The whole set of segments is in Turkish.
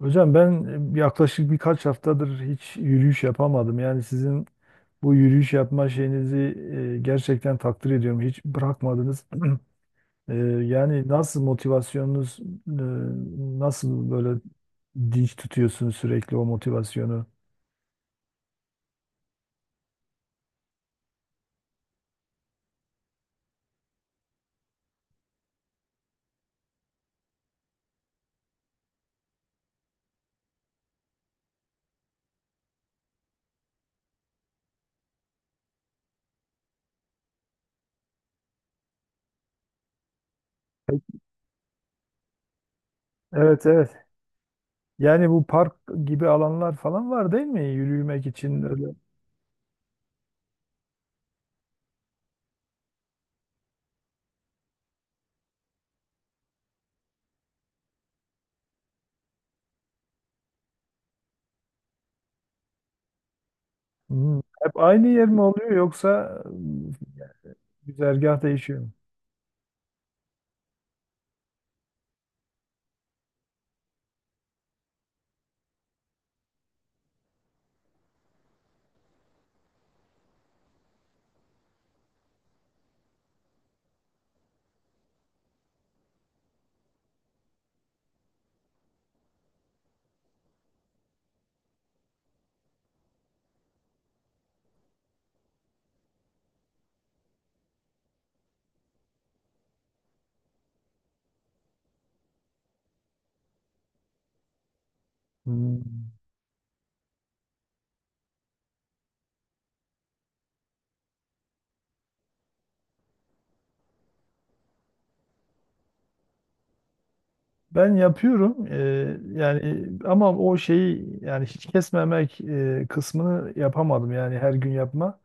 Hocam ben yaklaşık birkaç haftadır hiç yürüyüş yapamadım. Yani sizin bu yürüyüş yapma şeyinizi gerçekten takdir ediyorum. Hiç bırakmadınız. E, yani nasıl motivasyonunuz, nasıl böyle dinç tutuyorsunuz sürekli o motivasyonu? Evet, evet. Yani bu park gibi alanlar falan var değil mi? Yürümek için öyle. Hmm. Hep aynı yer mi oluyor yoksa güzergah değişiyor mu? Hmm. Ben yapıyorum, yani ama o şeyi yani hiç kesmemek kısmını yapamadım, yani her gün yapma.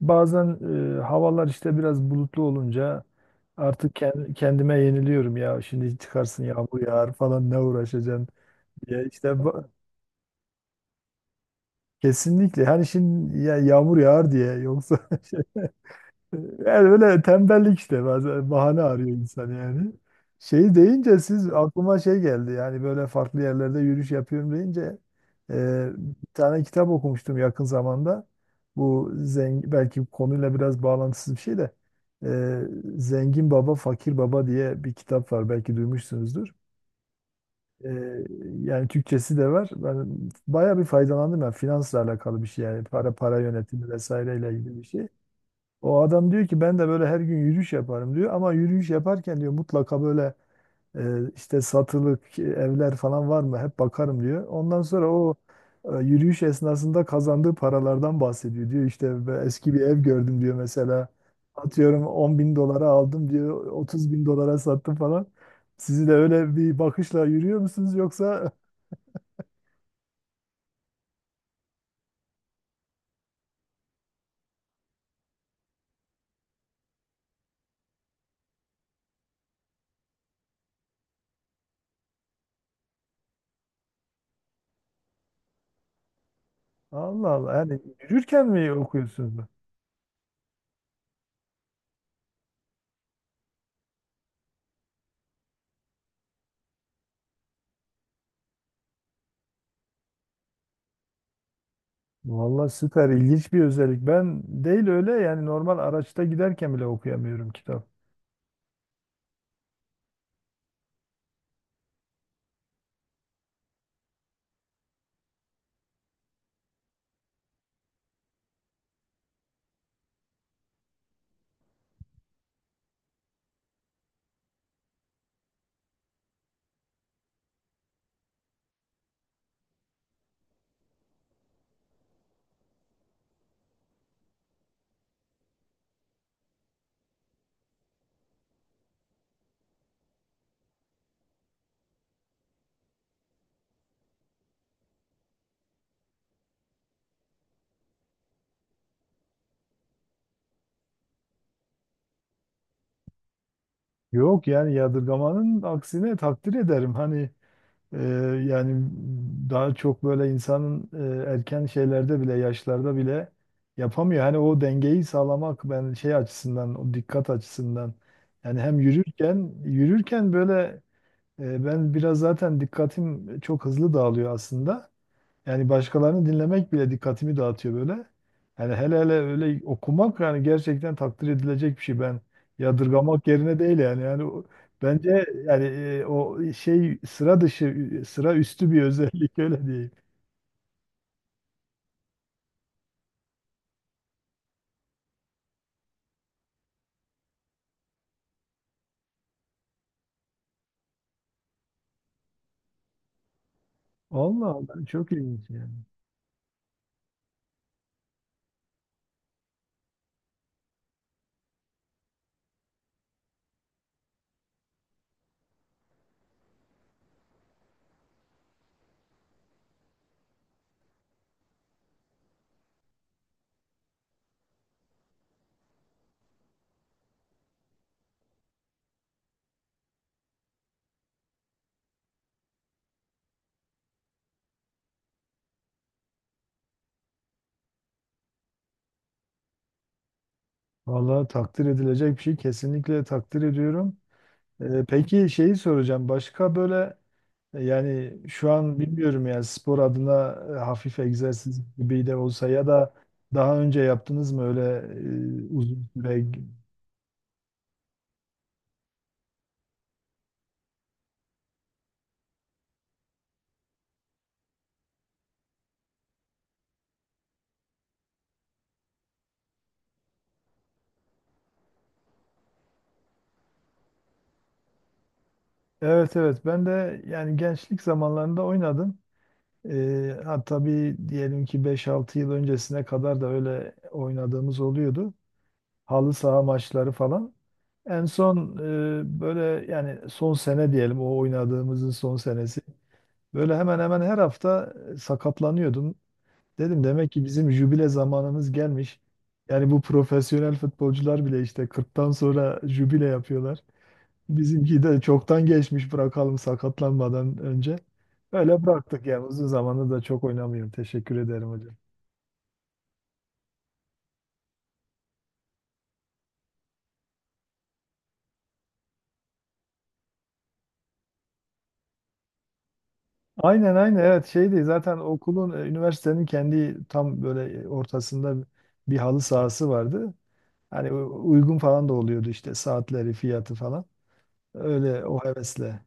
Bazen havalar işte biraz bulutlu olunca artık kendime yeniliyorum, ya şimdi çıkarsın yağmur yağar falan ne uğraşacaksın, ya işte ba- kesinlikle, hani şimdi ya yağmur yağar diye, yoksa şey. Yani böyle tembellik, işte bazen bahane arıyor insan yani. Şey deyince siz, aklıma şey geldi, yani böyle farklı yerlerde yürüyüş yapıyorum deyince, bir tane kitap okumuştum yakın zamanda. Bu zengin, belki konuyla biraz bağlantısız bir şey de, e, Zengin Baba Fakir Baba diye bir kitap var, belki duymuşsunuzdur. E, Yani Türkçesi de var. Ben bayağı bir faydalandım, ya finansla alakalı bir şey, yani para, para yönetimi vesaireyle ilgili bir şey. O adam diyor ki ben de böyle her gün yürüyüş yaparım diyor, ama yürüyüş yaparken diyor mutlaka böyle işte satılık evler falan var mı hep bakarım diyor. Ondan sonra o yürüyüş esnasında kazandığı paralardan bahsediyor, diyor işte, "Ben eski bir ev gördüm diyor mesela, atıyorum $10.000 aldım diyor, $30.000 sattım falan. Sizi de öyle bir bakışla yürüyor musunuz yoksa? Allah Allah. Yani yürürken mi okuyorsunuz bu? Vallahi süper ilginç bir özellik. Ben değil öyle, yani normal araçta giderken bile okuyamıyorum kitap. Yok, yani yadırgamanın aksine takdir ederim. Hani, e, yani daha çok böyle insanın erken şeylerde bile, yaşlarda bile yapamıyor. Hani o dengeyi sağlamak, ben şey açısından, o dikkat açısından, yani hem yürürken böyle. Ben biraz zaten dikkatim çok hızlı dağılıyor aslında. Yani başkalarını dinlemek bile dikkatimi dağıtıyor böyle. Yani hele hele öyle okumak, yani gerçekten takdir edilecek bir şey. Ben yadırgamak yerine değil yani. Bence yani, o şey sıra dışı, sıra üstü bir özellik öyle diyeyim. Allah Allah, çok ilginç yani. Vallahi takdir edilecek bir şey, kesinlikle takdir ediyorum. Peki şeyi soracağım. Başka böyle, yani şu an bilmiyorum, yani spor adına hafif egzersiz gibi de olsa, ya da daha önce yaptınız mı öyle uzun süre? Evet, evet, ben de yani gençlik zamanlarında oynadım. Ha, tabii, diyelim ki beş altı yıl öncesine kadar da öyle oynadığımız oluyordu. Halı saha maçları falan. En son böyle yani son sene diyelim o oynadığımızın son senesi. Böyle hemen hemen her hafta sakatlanıyordum. Dedim demek ki bizim jübile zamanımız gelmiş. Yani bu profesyonel futbolcular bile işte 40'tan sonra jübile yapıyorlar. Bizimki de çoktan geçmiş, bırakalım sakatlanmadan önce. Öyle bıraktık yani, uzun zamandır da çok oynamıyorum. Teşekkür ederim hocam. Aynen, aynen, evet şeydi zaten okulun, üniversitenin kendi tam böyle ortasında bir halı sahası vardı. Hani uygun falan da oluyordu işte, saatleri fiyatı falan. Öyle o hevesle.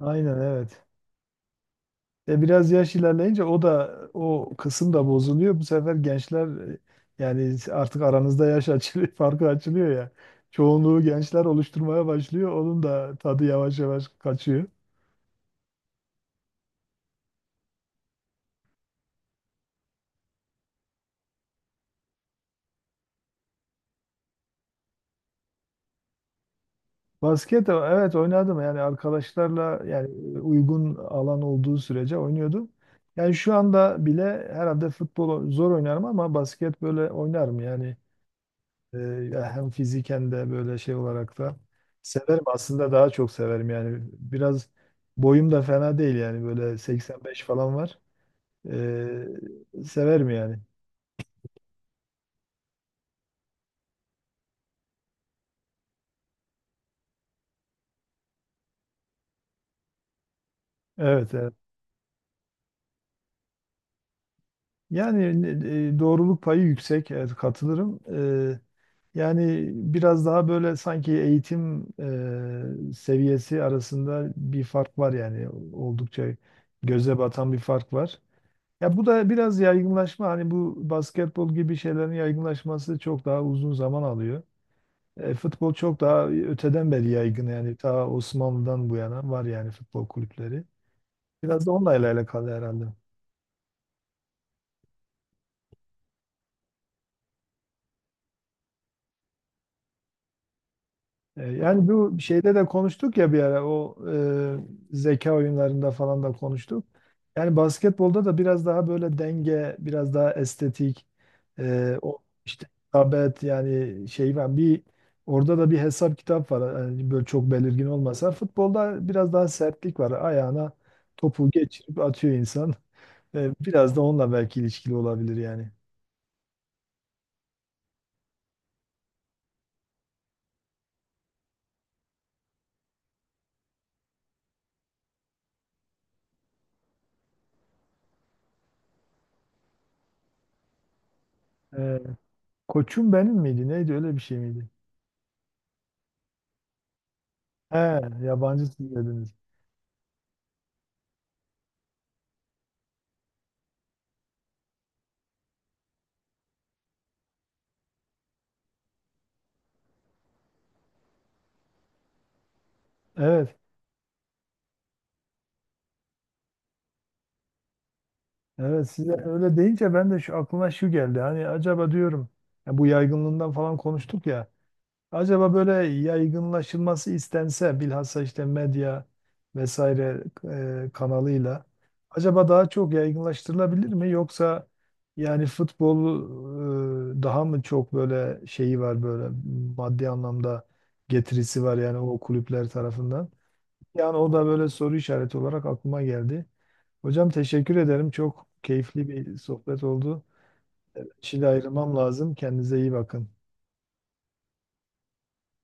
Aynen, evet. E biraz yaş ilerleyince o da, o kısım da bozuluyor. Bu sefer gençler, e, yani artık aranızda yaş açılıyor, farkı açılıyor ya. Çoğunluğu gençler oluşturmaya başlıyor. Onun da tadı yavaş yavaş kaçıyor. Basket, evet oynadım, yani arkadaşlarla yani uygun alan olduğu sürece oynuyordum. Yani şu anda bile herhalde futbol zor oynarım, ama basket böyle oynarım yani. Ee, Ya hem fiziken de böyle, şey olarak da severim aslında, daha çok severim yani. Biraz boyum da fena değil yani, böyle 85 falan var. ee, Severim yani. Evet, evet. Yani doğruluk payı yüksek, evet katılırım. Yani biraz daha böyle sanki eğitim seviyesi arasında bir fark var, yani oldukça göze batan bir fark var. Ya bu da biraz yaygınlaşma, hani bu basketbol gibi şeylerin yaygınlaşması çok daha uzun zaman alıyor. Futbol çok daha öteden beri yaygın, yani ta Osmanlı'dan bu yana var yani futbol kulüpleri. Biraz da onunla alakalı herhalde. Yani bu şeyde de konuştuk ya bir ara, o zeka oyunlarında falan da konuştuk. Yani basketbolda da biraz daha böyle denge, biraz daha estetik, o işte hitabet, yani şey var bir, orada da bir hesap kitap var. Yani böyle çok belirgin olmasa, futbolda biraz daha sertlik var. Ayağına topu geçirip atıyor insan. Biraz da onunla belki ilişkili olabilir yani. E, Koçum Benim miydi? Neydi öyle bir şey miydi? He, yabancı siz dediniz. Evet. Evet, size öyle deyince ben de şu aklıma şu geldi. Hani acaba diyorum, ya bu yaygınlığından falan konuştuk ya. Acaba böyle yaygınlaşılması istense bilhassa, işte medya vesaire kanalıyla, acaba daha çok yaygınlaştırılabilir mi? Yoksa yani futbol daha mı çok böyle şeyi var, böyle maddi anlamda getirisi var yani o kulüpler tarafından. Yani o da böyle soru işareti olarak aklıma geldi. Hocam teşekkür ederim. Çok keyifli bir sohbet oldu. Evet, şimdi ayrılmam lazım. Kendinize iyi bakın.